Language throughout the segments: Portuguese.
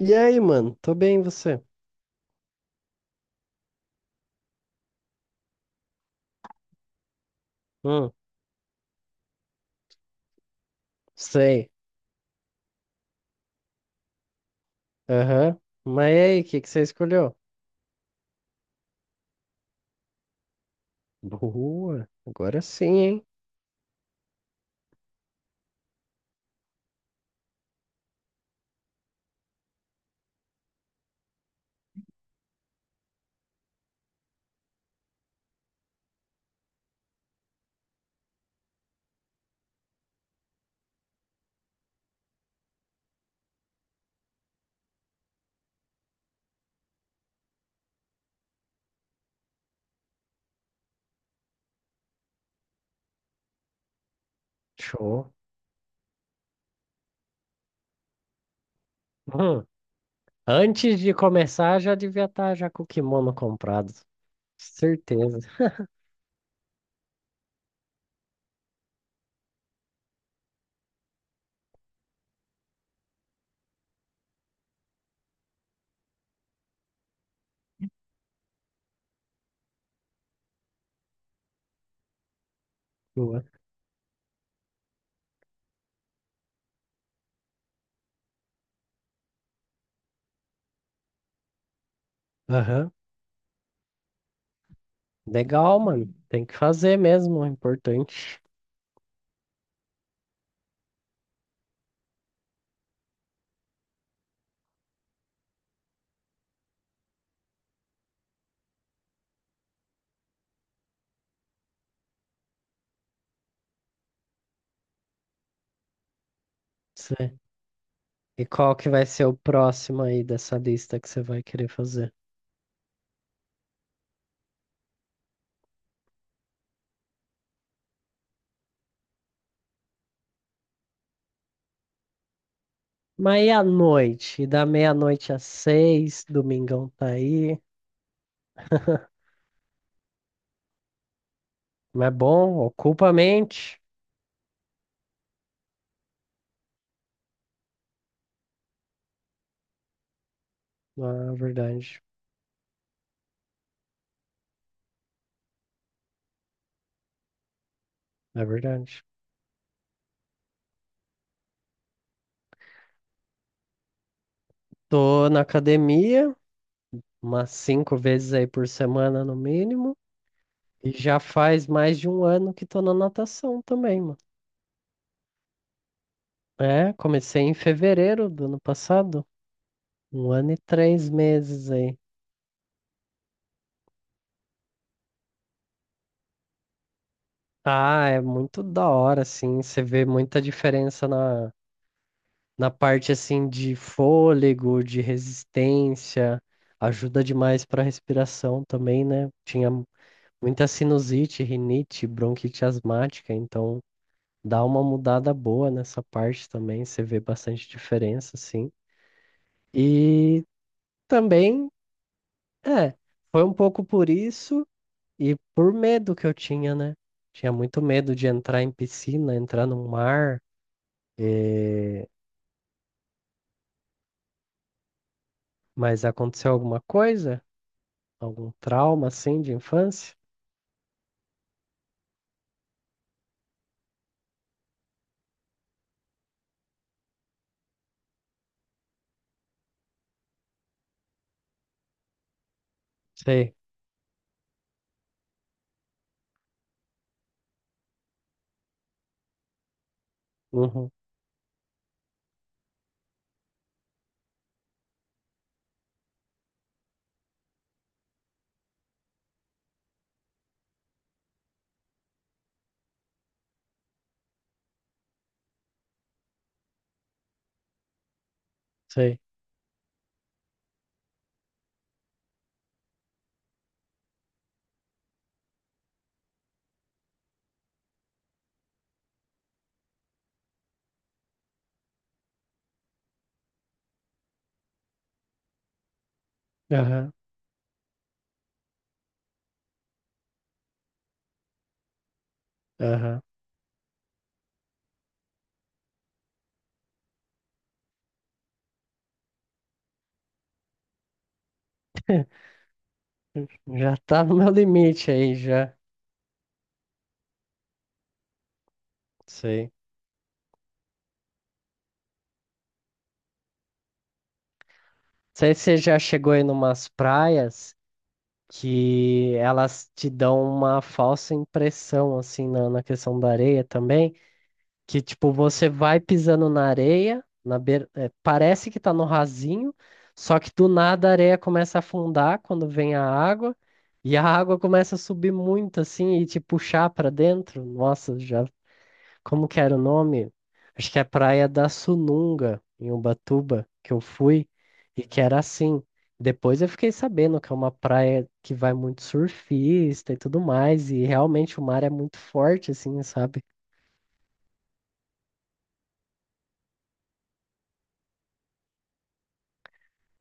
E aí, mano? Tô bem, e você? Hum, sei. Aham. Mas e aí, o que que você escolheu? Boa. Agora sim, hein? Show. Hum, Antes de começar, já devia estar já com o kimono comprado. Certeza. Boa. Aham. Legal, mano. Tem que fazer mesmo, é importante. Cê- E qual que vai ser o próximo aí dessa lista que você vai querer fazer? Mas e à noite? E da meia-noite às 6, domingão tá aí. Mas é bom, ocupa a mente. Ah, é verdade, é verdade. Tô na academia, umas 5 vezes aí por semana no mínimo. E já faz mais de um ano que tô na natação também, mano. É, comecei em fevereiro do ano passado. 1 ano e 3 meses aí. Ah, é muito da hora, assim. Você vê muita diferença na parte, assim, de fôlego, de resistência. Ajuda demais pra respiração também, né? Tinha muita sinusite, rinite, bronquite asmática, então dá uma mudada boa nessa parte também, você vê bastante diferença, assim. E também, é, foi um pouco por isso e por medo que eu tinha, né? Tinha muito medo de entrar em piscina, entrar no mar, eh, mas aconteceu alguma coisa? Algum trauma, assim, de infância? Sei, uhum, sei, aham, aham. Já tá no meu limite aí, já, sei. Sei se você já chegou aí numas praias que elas te dão uma falsa impressão, assim, na questão da areia também, que tipo, você vai pisando na areia, na beira, é, parece que tá no rasinho, só que do nada a areia começa a afundar quando vem a água, e a água começa a subir muito, assim, e te puxar pra dentro. Nossa, já como que era o nome? Acho que é a Praia da Sununga, em Ubatuba, que eu fui, e que era assim. Depois eu fiquei sabendo que é uma praia que vai muito surfista e tudo mais, e realmente o mar é muito forte, assim, sabe?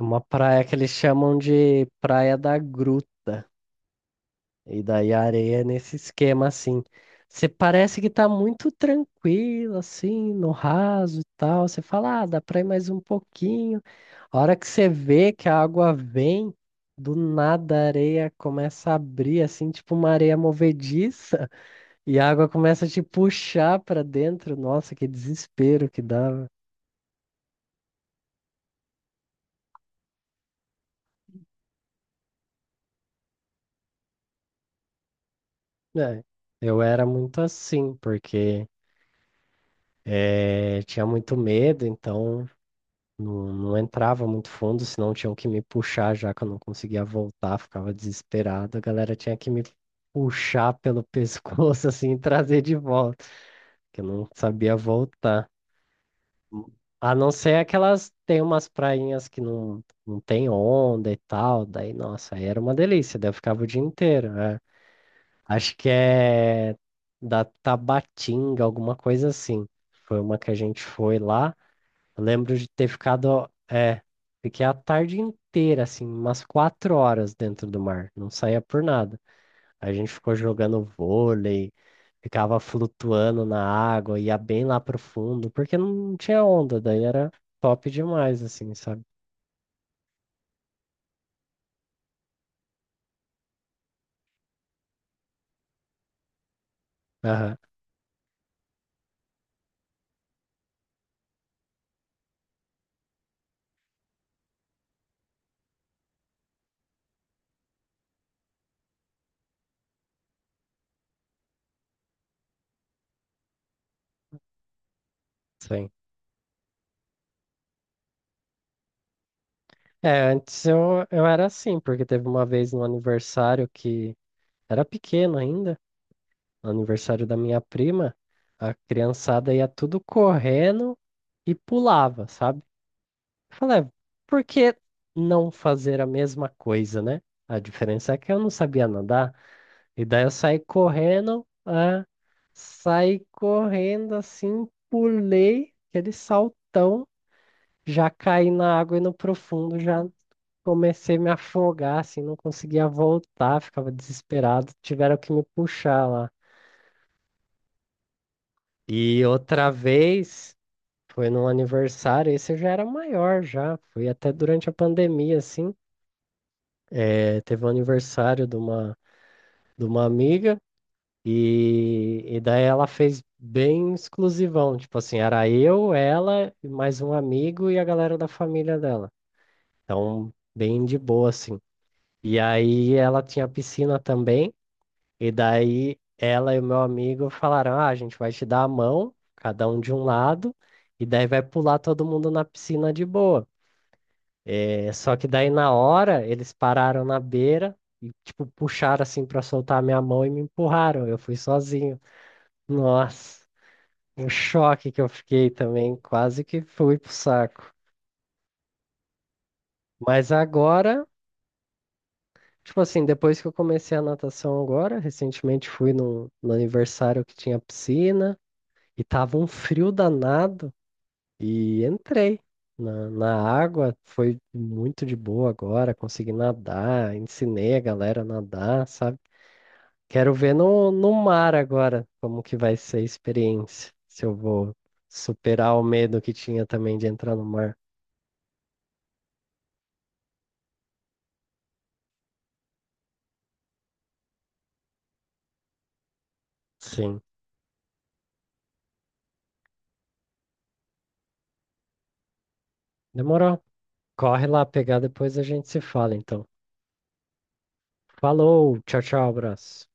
É uma praia que eles chamam de Praia da Grua. E daí a areia é nesse esquema assim. Você parece que tá muito tranquilo, assim, no raso e tal. Você fala, ah, dá pra ir mais um pouquinho. A hora que você vê que a água vem, do nada a areia começa a abrir, assim, tipo uma areia movediça, e a água começa a te puxar pra dentro. Nossa, que desespero que dava. É, eu era muito assim, porque tinha muito medo, então. Não, não entrava muito fundo, senão tinham que me puxar já que eu não conseguia voltar, ficava desesperado. A galera tinha que me puxar pelo pescoço assim e trazer de volta, que eu não sabia voltar. A não ser aquelas, tem umas prainhas que não, não tem onda e tal, daí nossa, aí era uma delícia, daí eu ficava o dia inteiro, né? Acho que é da Tabatinga, alguma coisa assim. Foi uma que a gente foi lá. Eu lembro de ter ficado, é, fiquei a tarde inteira, assim, umas 4 horas dentro do mar, não saía por nada. A gente ficou jogando vôlei, ficava flutuando na água, ia bem lá pro fundo, porque não tinha onda, daí era top demais, assim, sabe? Aham, sim. É, antes eu, era assim, porque teve uma vez no aniversário que era pequeno ainda, no aniversário da minha prima, a criançada ia tudo correndo e pulava, sabe? Eu falei, "É, por que não fazer a mesma coisa, né? A diferença é que eu não sabia nadar, e daí eu saí correndo, saí correndo assim, pulei aquele saltão, já caí na água e no profundo, já comecei a me afogar, assim, não conseguia voltar, ficava desesperado, tiveram que me puxar lá. E outra vez, foi num aniversário, esse eu já era maior já, foi até durante a pandemia, assim. É, teve o aniversário de uma, amiga e daí ela fez bem exclusivão. Tipo assim, era eu, ela, e mais um amigo e a galera da família dela. Então, bem de boa, assim. E aí ela tinha piscina também. E daí ela e o meu amigo falaram: Ah, a gente vai te dar a mão, cada um de um lado, e daí vai pular todo mundo na piscina de boa. É só que daí na hora eles pararam na beira e tipo puxaram assim pra soltar a minha mão e me empurraram. Eu fui sozinho. Nossa, um choque que eu fiquei também, quase que fui pro saco. Mas agora, tipo assim, depois que eu comecei a natação agora, recentemente fui no aniversário que tinha piscina e tava um frio danado e entrei. Na água foi muito de boa agora, consegui nadar, ensinei a galera a nadar, sabe? Quero ver no mar agora como que vai ser a experiência. Se eu vou superar o medo que tinha também de entrar no mar. Sim. Demorou. Corre lá pegar, depois a gente se fala, então. Falou, tchau, tchau, abraço.